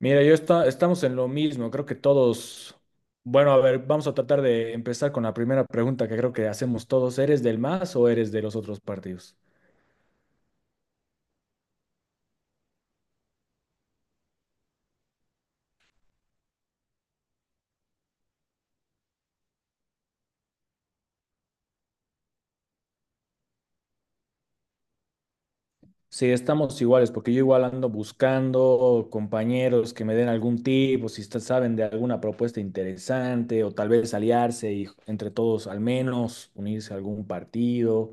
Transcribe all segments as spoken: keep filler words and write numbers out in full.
Mira, yo está, estamos en lo mismo, creo que todos, bueno, a ver, vamos a tratar de empezar con la primera pregunta que creo que hacemos todos, ¿eres del MAS o eres de los otros partidos? Sí, estamos iguales, porque yo igual ando buscando compañeros que me den algún tip, o si está- saben de alguna propuesta interesante, o tal vez aliarse y entre todos al menos unirse a algún partido.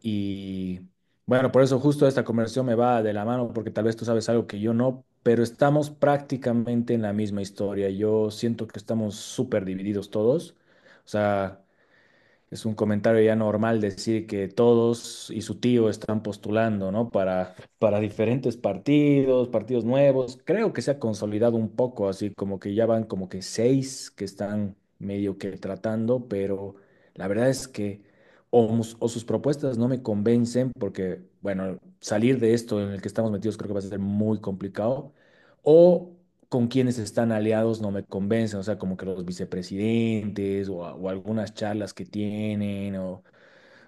Y bueno, por eso justo esta conversación me va de la mano, porque tal vez tú sabes algo que yo no, pero estamos prácticamente en la misma historia. Yo siento que estamos súper divididos todos. O sea, es un comentario ya normal decir que todos y su tío están postulando, ¿no? Para, para diferentes partidos, partidos nuevos. Creo que se ha consolidado un poco, así como que ya van como que seis que están medio que tratando, pero la verdad es que o, mus- o sus propuestas no me convencen porque, bueno, salir de esto en el que estamos metidos creo que va a ser muy complicado. O con quienes están aliados no me convencen, o sea, como que los vicepresidentes o, o algunas charlas que tienen, o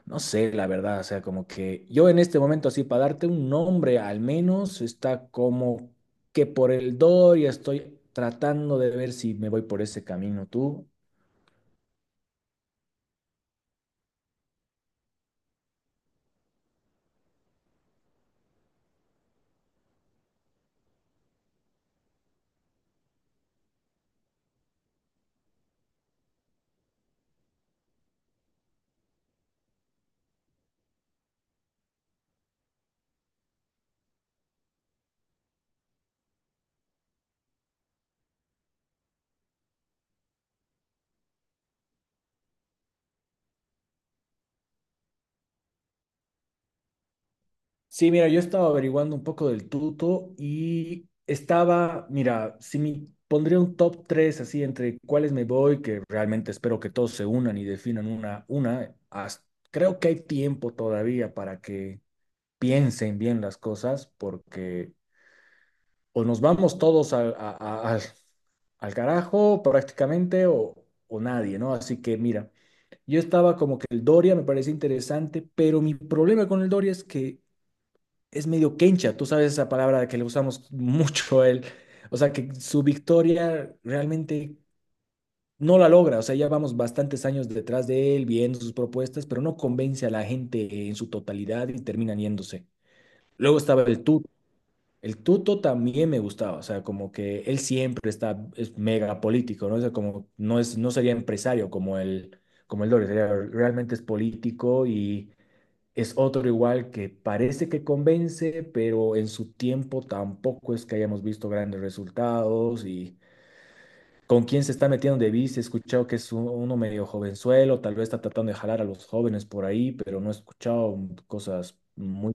no sé, la verdad, o sea, como que yo en este momento, así, para darte un nombre al menos, está como que por el Doria estoy tratando de ver si me voy por ese camino tú. Sí, mira, yo estaba averiguando un poco del tuto y estaba, mira, si me pondría un top tres así entre cuáles me voy, que realmente espero que todos se unan y definan una, una, as- creo que hay tiempo todavía para que piensen bien las cosas, porque o nos vamos todos al, a- a- al- al carajo prácticamente o, o nadie, ¿no? Así que mira, yo estaba como que el Doria me parece interesante, pero mi problema con el Doria es que es medio quencha, tú sabes esa palabra que le usamos mucho a él, o sea que su victoria realmente no la logra, o sea, ya vamos bastantes años detrás de él viendo sus propuestas, pero no convence a la gente en su totalidad y terminan yéndose. Luego estaba el Tuto, el Tuto también me gustaba, o sea, como que él siempre está, es mega político, ¿no? O sea, como no es, no sería empresario como el, como el Doris, realmente es político y es otro igual que parece que convence, pero en su tiempo tampoco es que hayamos visto grandes resultados. Y con quién se está metiendo de vice, he escuchado que es un- uno medio jovenzuelo, tal vez está tratando de jalar a los jóvenes por ahí, pero no he escuchado cosas muy…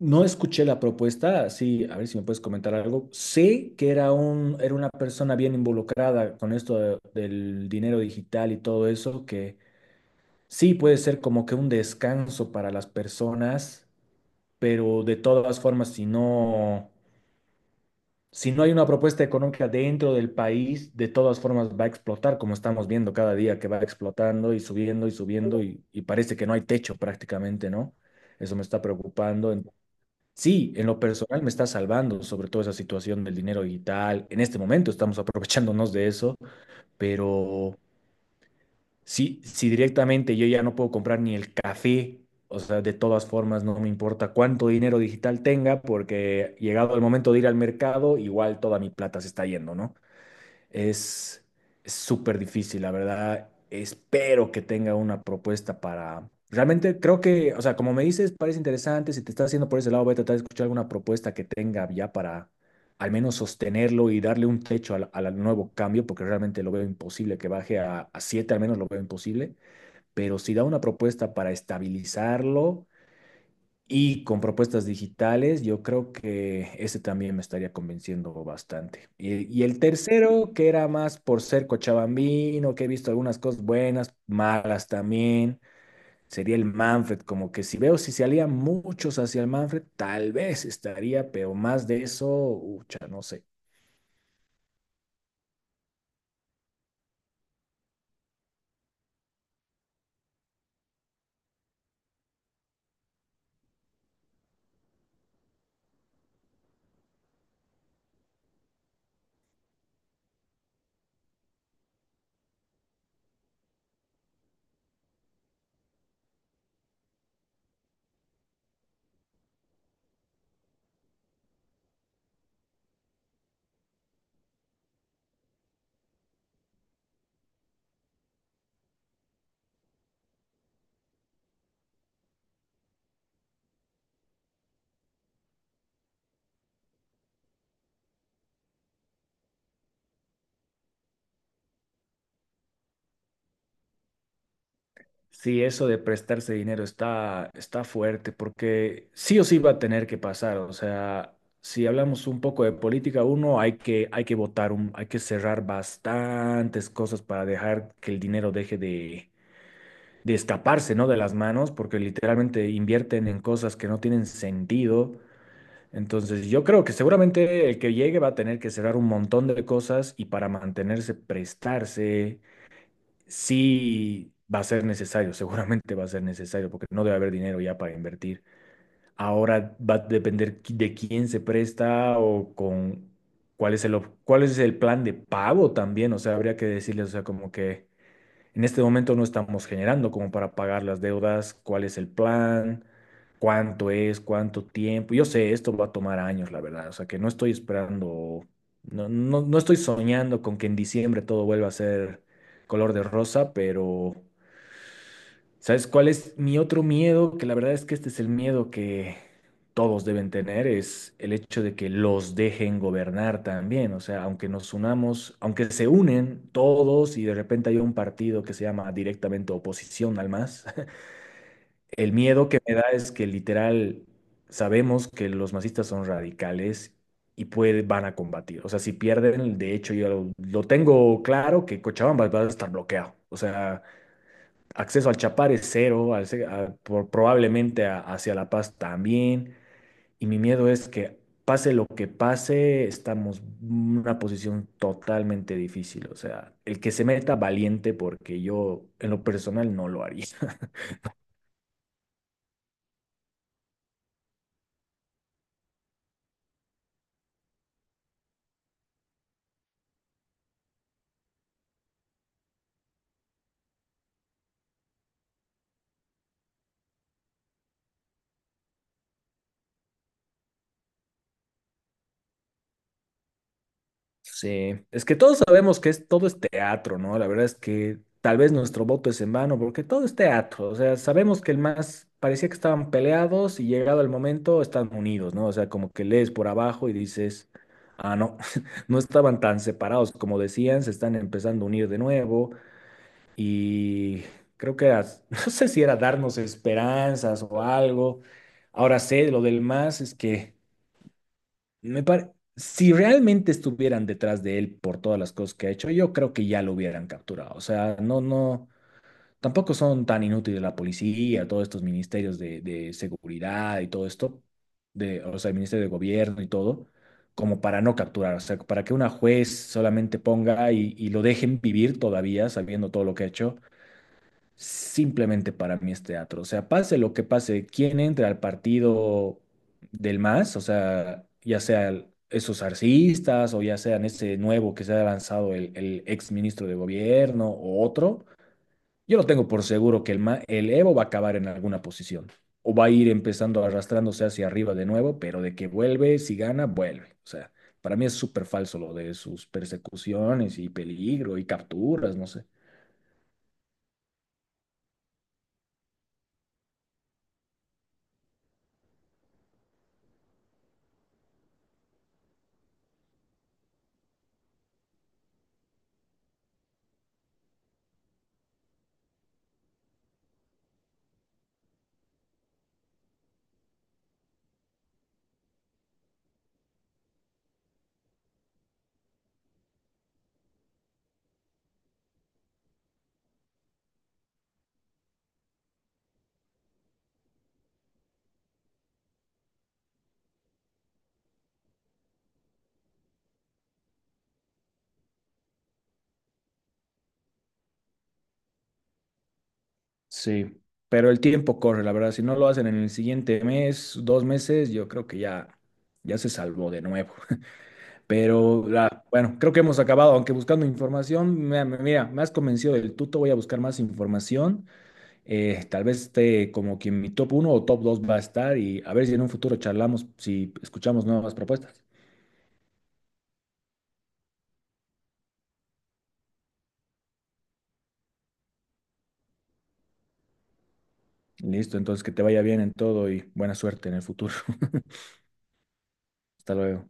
No escuché la propuesta, sí, a ver si me puedes comentar algo. Sé que era un, era una persona bien involucrada con esto de- del dinero digital y todo eso, que sí puede ser como que un descanso para las personas, pero de todas formas, si no, si no hay una propuesta económica dentro del país, de todas formas va a explotar, como estamos viendo cada día que va explotando y subiendo y subiendo y, y parece que no hay techo prácticamente, ¿no? Eso me está preocupando. En- Sí, en lo personal me está salvando, sobre todo esa situación del dinero digital. En este momento estamos aprovechándonos de eso, pero si, si directamente yo ya no puedo comprar ni el café, o sea, de todas formas no me importa cuánto dinero digital tenga, porque llegado el momento de ir al mercado, igual toda mi plata se está yendo, ¿no? Es es súper difícil, la verdad. Espero que tenga una propuesta para… Realmente creo que, o sea, como me dices, parece interesante. Si te estás haciendo por ese lado, voy a tratar de escuchar alguna propuesta que tenga ya para al menos sostenerlo y darle un techo al, al nuevo cambio, porque realmente lo veo imposible que baje a, a siete, al menos lo veo imposible. Pero si da una propuesta para estabilizarlo, y con propuestas digitales, yo creo que ese también me estaría convenciendo bastante. Y, y el tercero, que era más por ser cochabambino, que he visto algunas cosas buenas, malas también, sería el Manfred. Como que si veo si se alían muchos hacia el Manfred, tal vez estaría, pero más de eso, ucha, no sé. Sí, eso de prestarse dinero está, está fuerte porque sí o sí va a tener que pasar. O sea, si hablamos un poco de política, uno hay que, hay que votar, un- hay que cerrar bastantes cosas para dejar que el dinero deje de, de escaparse, ¿no? De las manos, porque literalmente invierten en cosas que no tienen sentido. Entonces, yo creo que seguramente el que llegue va a tener que cerrar un montón de cosas y para mantenerse, prestarse. Sí va a ser necesario, seguramente va a ser necesario, porque no debe haber dinero ya para invertir. Ahora va a depender qui- de quién se presta o con cuál es el, ob- cuál es el plan de pago también. O sea, habría que decirles, o sea, como que en este momento no estamos generando como para pagar las deudas, cuál es el plan, cuánto es, cuánto tiempo. Yo sé, esto va a tomar años, la verdad. O sea, que no estoy esperando, no, no, no estoy soñando con que en diciembre todo vuelva a ser color de rosa, pero ¿sabes cuál es mi otro miedo? Que la verdad es que este es el miedo que todos deben tener, es el hecho de que los dejen gobernar también. O sea, aunque nos unamos, aunque se unen todos y de repente hay un partido que se llama directamente oposición al MAS, el miedo que me da es que literal sabemos que los masistas son radicales y puede- van a combatir. O sea, si pierden, de hecho yo lo, lo tengo claro que Cochabamba va a estar bloqueado. O sea… Acceso al Chapar es cero, al ce- a- por- probablemente a- hacia La Paz también. Y mi miedo es que pase lo que pase, estamos en una posición totalmente difícil. O sea, el que se meta valiente, porque yo en lo personal no lo haría. Sí, es que todos sabemos que es, todo es teatro, ¿no? La verdad es que tal vez nuestro voto es en vano, porque todo es teatro. O sea, sabemos que el más parecía que estaban peleados y llegado el momento están unidos, ¿no? O sea, como que lees por abajo y dices, ah, no, no estaban tan separados como decían, se están empezando a unir de nuevo y creo que era, no sé si era darnos esperanzas o algo. Ahora sé, lo del más es que. Me pare- Si realmente estuvieran detrás de él por todas las cosas que ha hecho, yo creo que ya lo hubieran capturado. O sea, no, no, tampoco son tan inútiles la policía, todos estos ministerios de, de seguridad y todo esto, de, o sea, el ministerio de gobierno y todo, como para no capturar. O sea, para que una juez solamente ponga y, y lo dejen vivir todavía sabiendo todo lo que ha hecho, simplemente para mí es teatro. O sea, pase lo que pase, quien entre al partido del MAS, o sea, ya sean esos arcistas o ya sean ese nuevo que se ha lanzado el, el ex ministro de gobierno o otro, yo lo tengo por seguro que el, Ma- el Evo va a acabar en alguna posición o va a ir empezando arrastrándose hacia arriba de nuevo, pero de que vuelve, si gana, vuelve. O sea, para mí es súper falso lo de sus persecuciones y peligro y capturas, no sé. Sí, pero el tiempo corre, la verdad. Si no lo hacen en el siguiente mes, dos meses, yo creo que ya, ya se salvó de nuevo. Pero la- bueno, creo que hemos acabado, aunque buscando información, me- me- mira, me has convencido del tuto, voy a buscar más información. Eh, tal vez esté como que en mi top uno o top dos va a estar, y a ver si en un futuro charlamos, si escuchamos nuevas propuestas. Listo, entonces que te vaya bien en todo y buena suerte en el futuro. Hasta luego.